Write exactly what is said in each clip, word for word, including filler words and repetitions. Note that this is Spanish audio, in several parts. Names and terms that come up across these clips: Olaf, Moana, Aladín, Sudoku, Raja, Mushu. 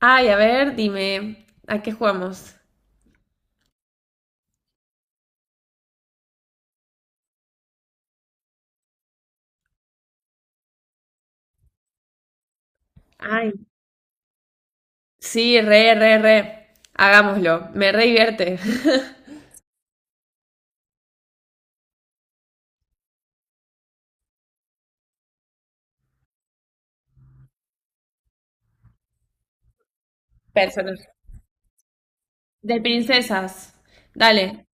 Ay, a ver, dime, ¿a qué jugamos? Ay, sí, re, re, re. Hagámoslo. Me re divierte. Personas. De princesas. Dale.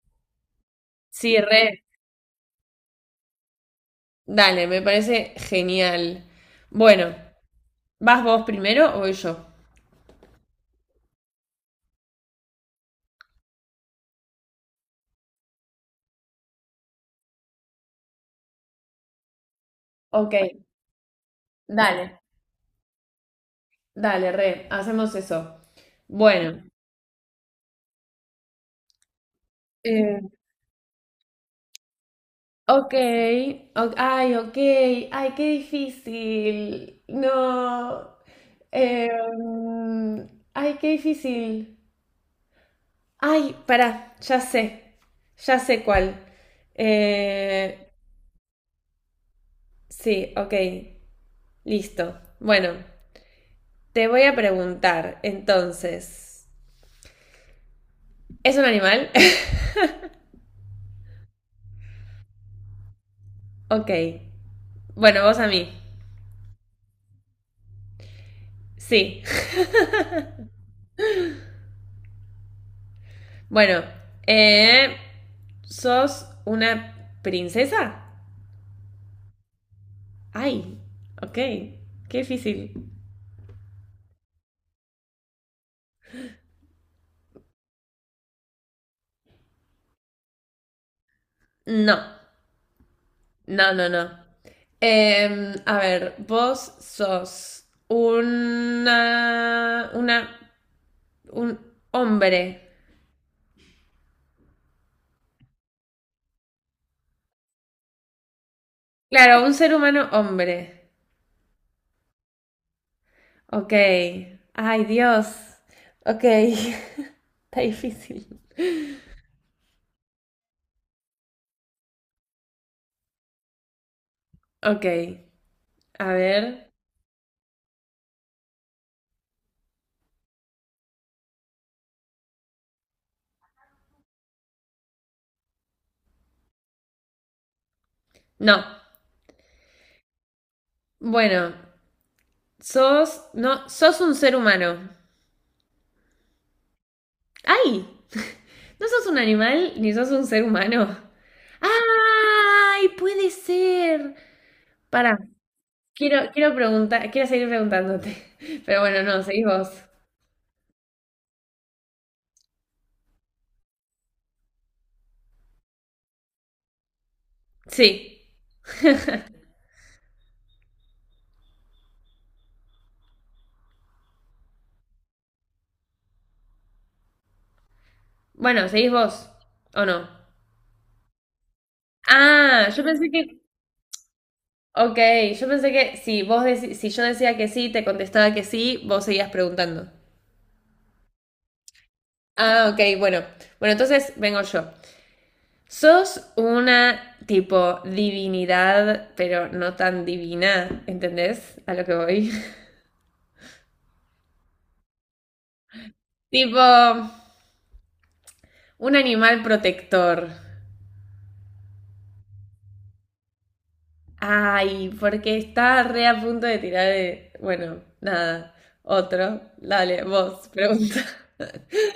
Sí, re. Dale, me parece genial. Bueno, ¿vas vos primero o voy yo? Ok, dale. Dale, re. Hacemos eso. Bueno. Ok, ok, ay, ok, ay, qué difícil. No, eh, mm, ay, qué difícil. Ay, pará, ya sé, ya sé cuál. Eh, sí, ok, listo. Bueno, te voy a preguntar, entonces, ¿es un animal? Ok, bueno, vos a mí. Sí, bueno, eh, ¿sos una princesa? Ay, ok, qué difícil. No, no, no, no. Em, a ver, vos sos una, una, un hombre. Claro, un ser humano hombre. Ok. Ay, Dios. Ok. Está difícil. Ok, a ver. No. Bueno, sos, no, sos un ser humano. Ay, no sos un animal ni sos un ser humano. ¡Ay! Puede ser. Pará, quiero, quiero preguntar, quiero seguir preguntándote. Pero bueno, no, seguís vos. Sí. Bueno, seguís vos. ¿O no? Ah, yo pensé que. Ok, yo pensé que si vos deci- si yo decía que sí, te contestaba que sí, vos seguías preguntando. Ah, ok, bueno. Bueno, entonces vengo yo. Sos una tipo divinidad, pero no tan divina, ¿entendés? A lo que voy. Tipo. Un animal protector. Ay, porque está re a punto de tirar de... Bueno, nada. Otro. Dale, vos, pregunta.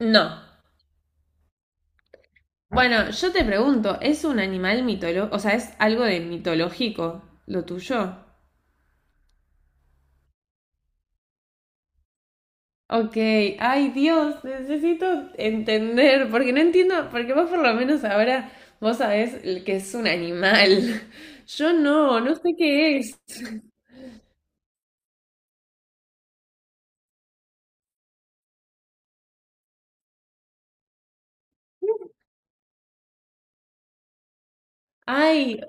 No. Bueno, yo te pregunto, ¿es un animal mitológico? O sea, ¿es algo de mitológico lo tuyo? Ok, ay Dios, necesito entender, porque no entiendo, porque vos por lo menos ahora vos sabés el que es un animal. Yo no, no sé qué es. Ay,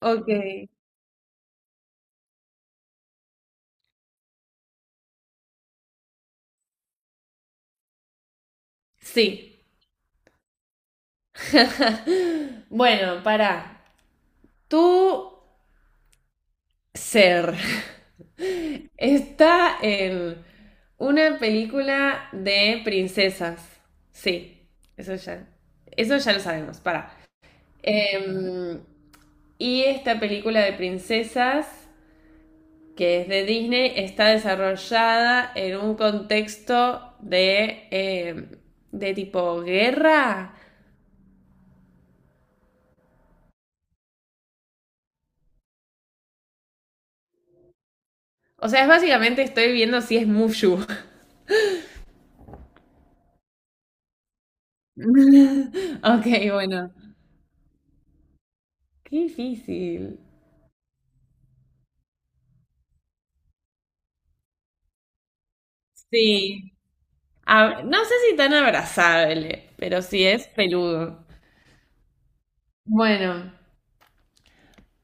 ok. Sí. Bueno, pará. Tu ser está en una película de princesas. Sí, eso ya. Eso ya lo sabemos, pará. Em, y esta película de princesas, que es de Disney, está desarrollada en un contexto de, em, de tipo guerra. O sea, es básicamente estoy viendo si es Mushu. Ok, bueno. Qué difícil. Sí. Ab- no sé si tan abrazable, pero sí es peludo. Bueno,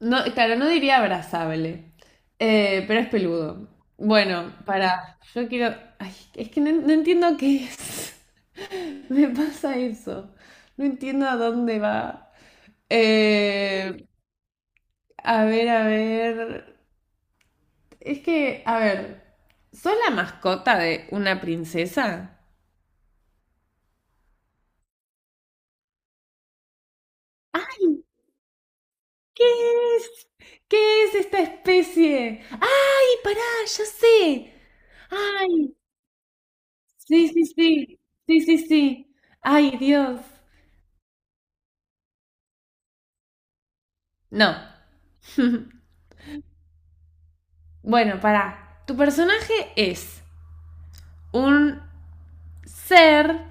no, claro, no diría abrazable, eh, pero es peludo. Bueno, para, yo quiero, ay, es que no, no entiendo qué es. Me pasa eso. No entiendo a dónde va. Eh, a ver, a ver. Es que, a ver, ¿sos la mascota de una princesa? ¿Qué es? ¿Qué es esta especie? ¡Ay, pará! ¡Ya sé! ¡Ay! Sí, sí, sí. Sí, sí, sí. ¡Ay, Dios! No. Bueno, pará. Tu personaje es un ser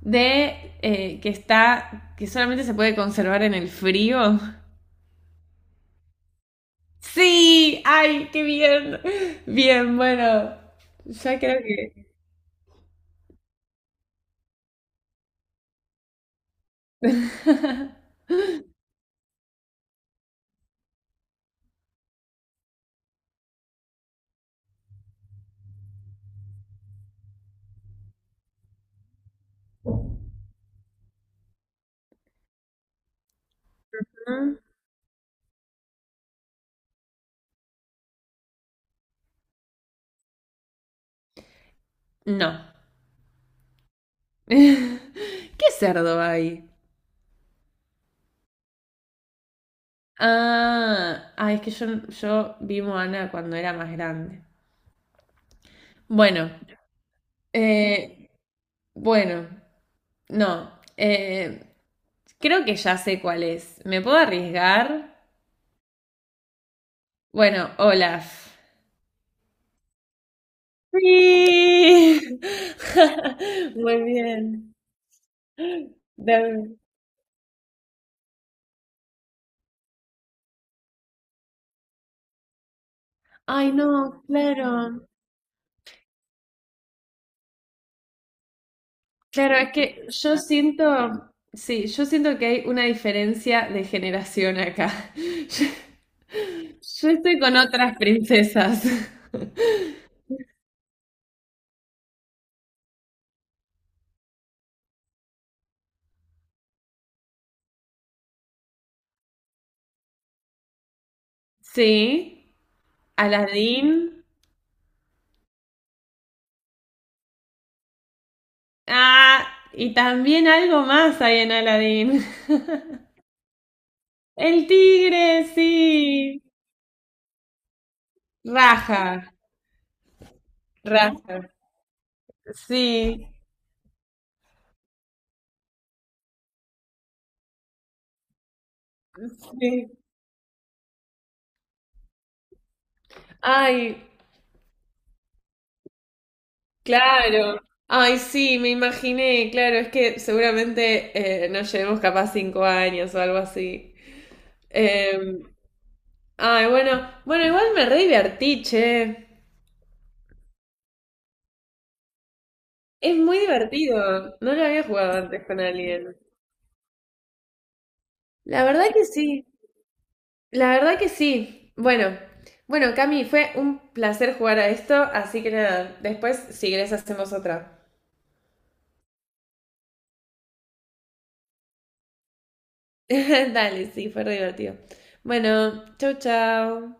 de eh, que está. Que solamente se puede conservar en el frío. ¡Sí! ¡Ay, qué bien! Bien, bueno. Ya creo que. No. ¿Qué cerdo hay? Ah, ah, es que yo, yo vi Moana cuando era más grande. Bueno, eh, bueno, no, eh, creo que ya sé cuál es. ¿Me puedo arriesgar? Bueno, Olaf. Sí. Muy bien. Dame- Ay, no, claro. Claro, es que yo siento, sí, yo siento que hay una diferencia de generación acá. Yo, yo estoy con otras princesas. Sí, Aladín. Ah, y también algo más hay en Aladín. El tigre, sí. Raja, raja. Sí, sí. Ay, claro. Ay, sí, me imaginé, claro, es que seguramente eh, nos llevemos capaz cinco años o algo así. Eh, ay, bueno, bueno, igual me re divertí, che. Es muy divertido. No lo había jugado antes con alguien. La verdad que sí, la verdad que sí. Bueno, bueno, Cami, fue un placer jugar a esto, así que nada, después si querés hacemos otra. Dale, sí, fue re divertido. Bueno, chau, chau.